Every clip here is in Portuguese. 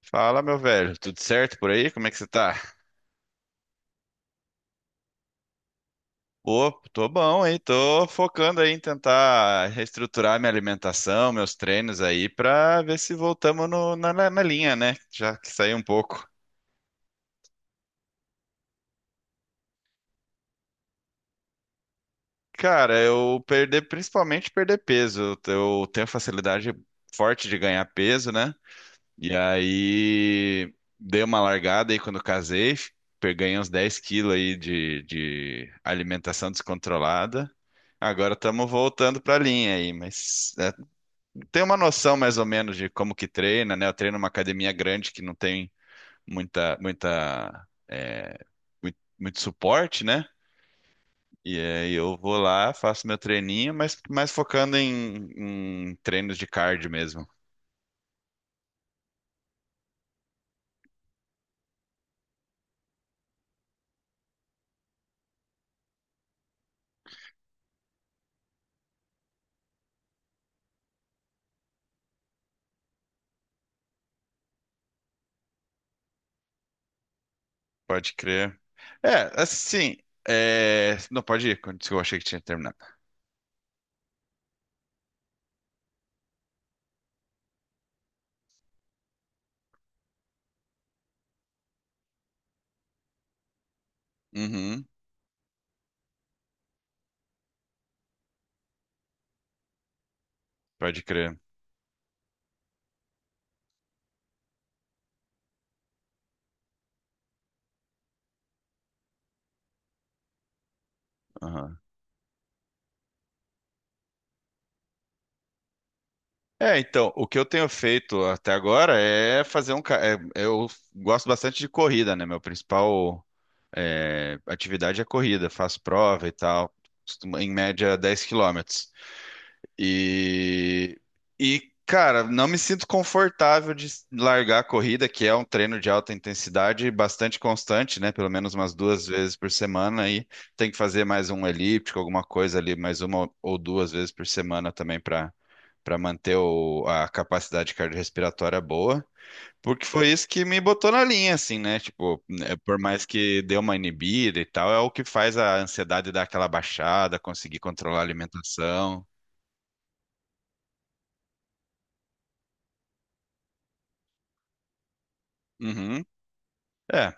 Fala, meu velho, tudo certo por aí? Como é que você tá? Pô, tô bom, hein? Tô focando aí em tentar reestruturar minha alimentação, meus treinos aí, pra ver se voltamos na linha, né? Já que saiu um pouco. Cara, eu perder, principalmente perder peso. Eu tenho facilidade forte de ganhar peso, né? E aí dei uma largada aí quando casei, ganhei uns 10 quilos aí de alimentação descontrolada. Agora estamos voltando para a linha aí, mas tem uma noção mais ou menos de como que treina, né? Eu treino numa academia grande que não tem muita, muita, é, muito suporte, né? E aí eu vou lá, faço meu treininho, mas mais focando em treinos de cardio mesmo. Pode crer. É, assim. É, não, pode ir. Eu achei que tinha terminado. Uhum, pode crer. Aham. É, então, o que eu tenho feito até agora. É fazer um. Ca- é, Eu gosto bastante de corrida, né? Meu principal atividade é corrida. Faço prova e tal. Em média, 10 quilômetros. E, e, cara, não me sinto confortável de largar a corrida, que é um treino de alta intensidade bastante constante, né? Pelo menos umas 2 vezes por semana. Aí tem que fazer mais um elíptico, alguma coisa ali, mais 1 ou 2 vezes por semana também para manter a capacidade cardiorrespiratória boa. Porque foi isso que me botou na linha, assim, né? Tipo, né, por mais que dê uma inibida e tal, é o que faz a ansiedade dar aquela baixada, conseguir controlar a alimentação. Uhum. É.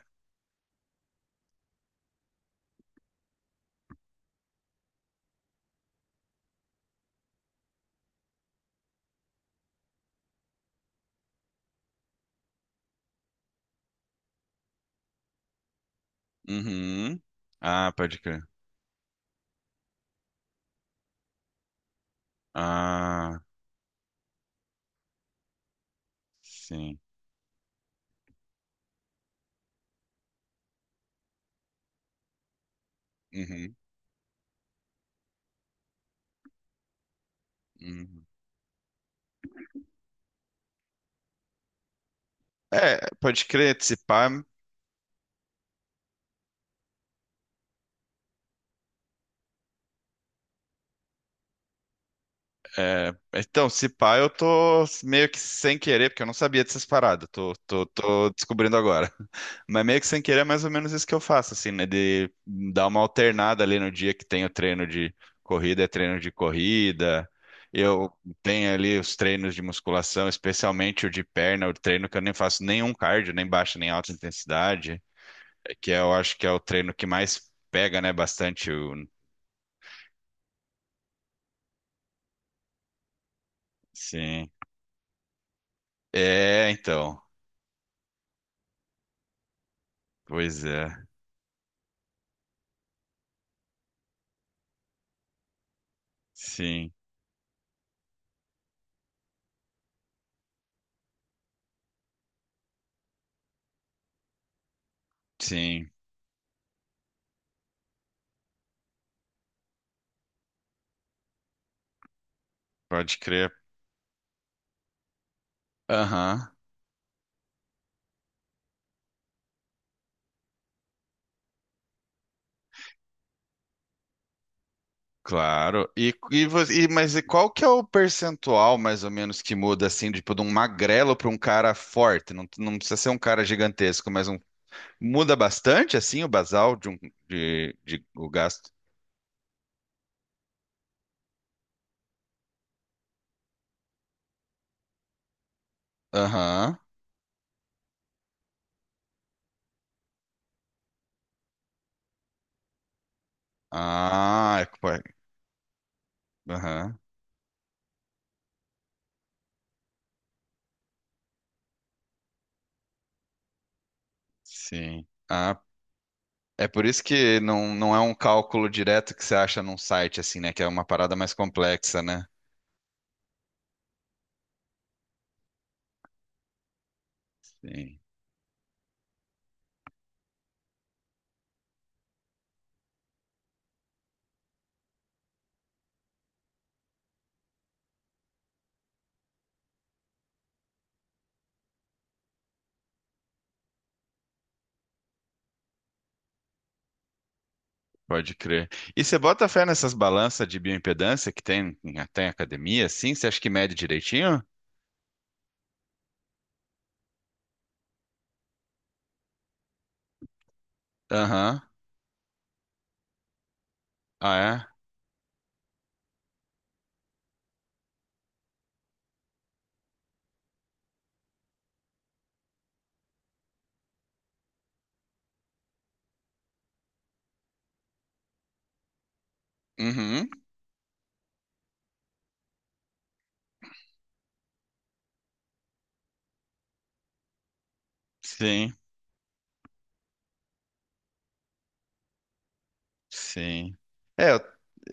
Uhum. Ah, pode crer. Ah, sim. Uhum. Uhum. É, pode crer, se pá. É, então, se pá, eu tô meio que sem querer, porque eu não sabia dessas paradas, tô descobrindo agora. Mas meio que sem querer é mais ou menos isso que eu faço, assim, né? De dar uma alternada ali no dia que tem o treino de corrida, é treino de corrida. Eu tenho ali os treinos de musculação, especialmente o de perna, o treino que eu nem faço nenhum cardio, nem baixa, nem alta intensidade, que é, eu acho que é o treino que mais pega, né? Bastante o. Sim. É, então. Pois é. Sim. Sim, pode crer. Aham, claro. Mas e qual que é o percentual, mais ou menos, que muda assim, tipo, de um magrelo para um cara forte? Não, não precisa ser um cara gigantesco, mas um, muda bastante assim o basal de um o gasto. Aham. Ah, é, aham. Sim. Ah, é por isso que não, não é um cálculo direto que você acha num site assim, né? Que é uma parada mais complexa, né? Sim. Pode crer. E você bota fé nessas balanças de bioimpedância que tem, até em academia, assim? Você acha que mede direitinho? Aham. Ah, é? Uhum. Sim, sim. É,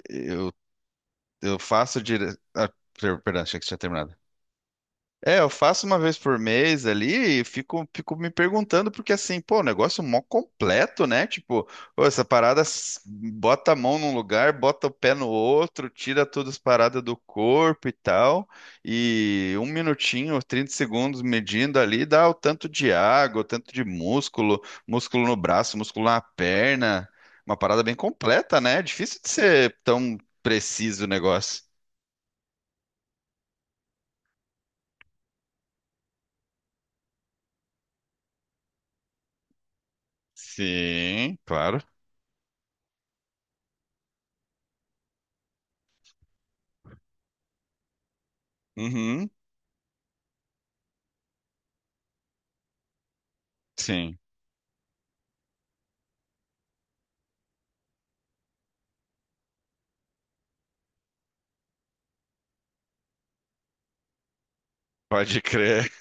eu, eu Ah, perdão, achei que você tinha terminado. É, eu faço uma vez por mês ali e fico me perguntando, porque assim, pô, o negócio é mó completo, né? Tipo, pô, essa parada bota a mão num lugar, bota o pé no outro, tira todas as paradas do corpo e tal, e um minutinho, 30 segundos medindo ali, dá o tanto de água, o tanto de músculo, músculo no braço, músculo na perna, uma parada bem completa, né? É difícil de ser tão preciso o negócio. Sim, claro. Uhum, sim. Pode crer.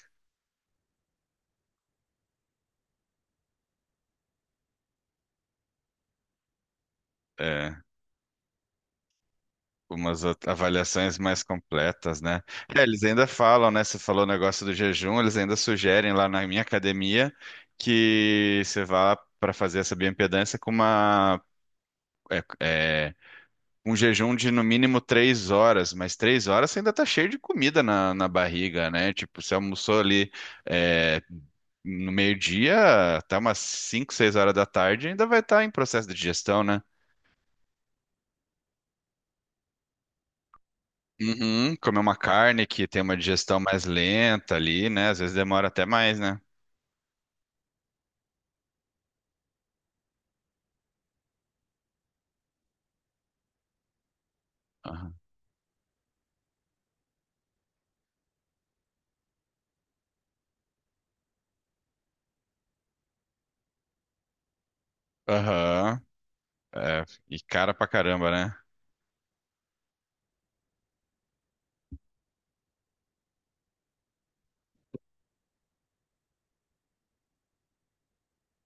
É, umas avaliações mais completas, né? É, eles ainda falam, né? Você falou o negócio do jejum, eles ainda sugerem lá na minha academia que você vá para fazer essa bioimpedância com é, é, um jejum de no mínimo 3 horas, mas 3 horas você ainda tá cheio de comida na barriga, né? Tipo, você almoçou ali, é, no meio-dia, até umas 5, 6 horas da tarde, ainda vai estar em processo de digestão, né? Uhum, comer uma carne que tem uma digestão mais lenta ali, né? Às vezes demora até mais, né? Aham. Aham. É, e cara pra caramba, né?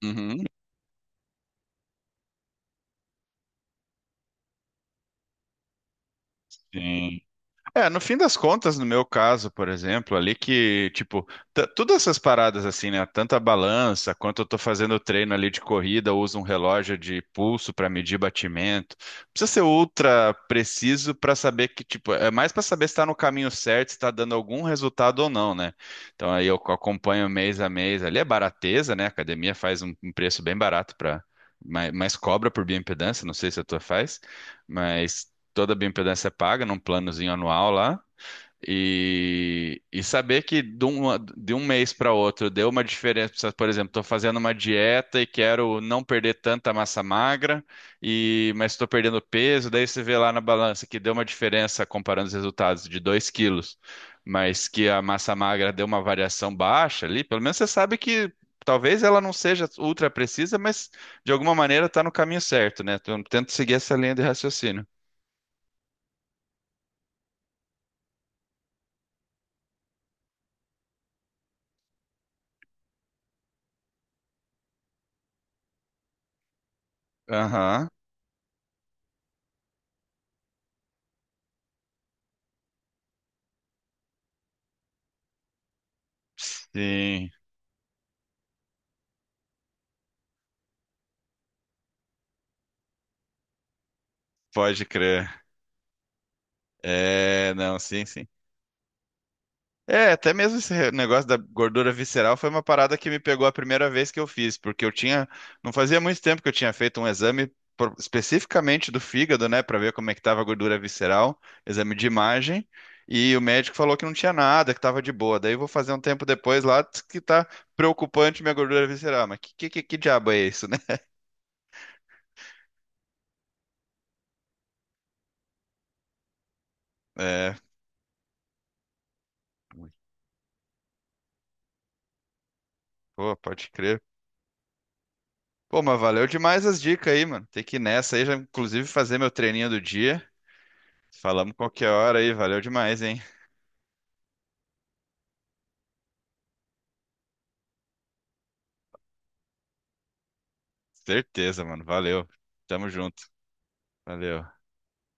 Uhum. Sim. É, no fim das contas, no meu caso, por exemplo, ali que, tipo, todas essas paradas assim, né? Tanto a balança, quanto eu tô fazendo treino ali de corrida, eu uso um relógio de pulso para medir batimento. Não precisa ser ultra preciso para saber que, tipo, é mais para saber se tá no caminho certo, se tá dando algum resultado ou não, né? Então aí eu acompanho mês a mês ali, é barateza, né? A academia faz um preço bem barato para. Mas cobra por bioimpedância, não sei se a tua faz. Mas toda a bioimpedância é paga num planozinho anual lá. E, saber que de um mês para outro deu uma diferença. Por exemplo, estou fazendo uma dieta e quero não perder tanta massa magra, e mas estou perdendo peso. Daí você vê lá na balança que deu uma diferença comparando os resultados de 2 quilos, mas que a massa magra deu uma variação baixa ali. Pelo menos você sabe que talvez ela não seja ultra precisa, mas de alguma maneira está no caminho certo, né? Então, tento seguir essa linha de raciocínio. Aham. Sim, pode crer. É, não, sim, sim. É, até mesmo esse negócio da gordura visceral foi uma parada que me pegou a primeira vez que eu fiz, porque eu tinha, não fazia muito tempo que eu tinha feito um exame especificamente do fígado, né, pra ver como é que tava a gordura visceral, exame de imagem, e o médico falou que não tinha nada, que tava de boa. Daí eu vou fazer um tempo depois lá diz que tá preocupante minha gordura visceral, mas que diabo é isso, né? É, pô, pode crer. Pô, mas valeu demais as dicas aí, mano. Tem que ir nessa aí, já inclusive fazer meu treininho do dia. Falamos qualquer hora aí, valeu demais, hein? Certeza, mano. Valeu. Tamo junto. Valeu.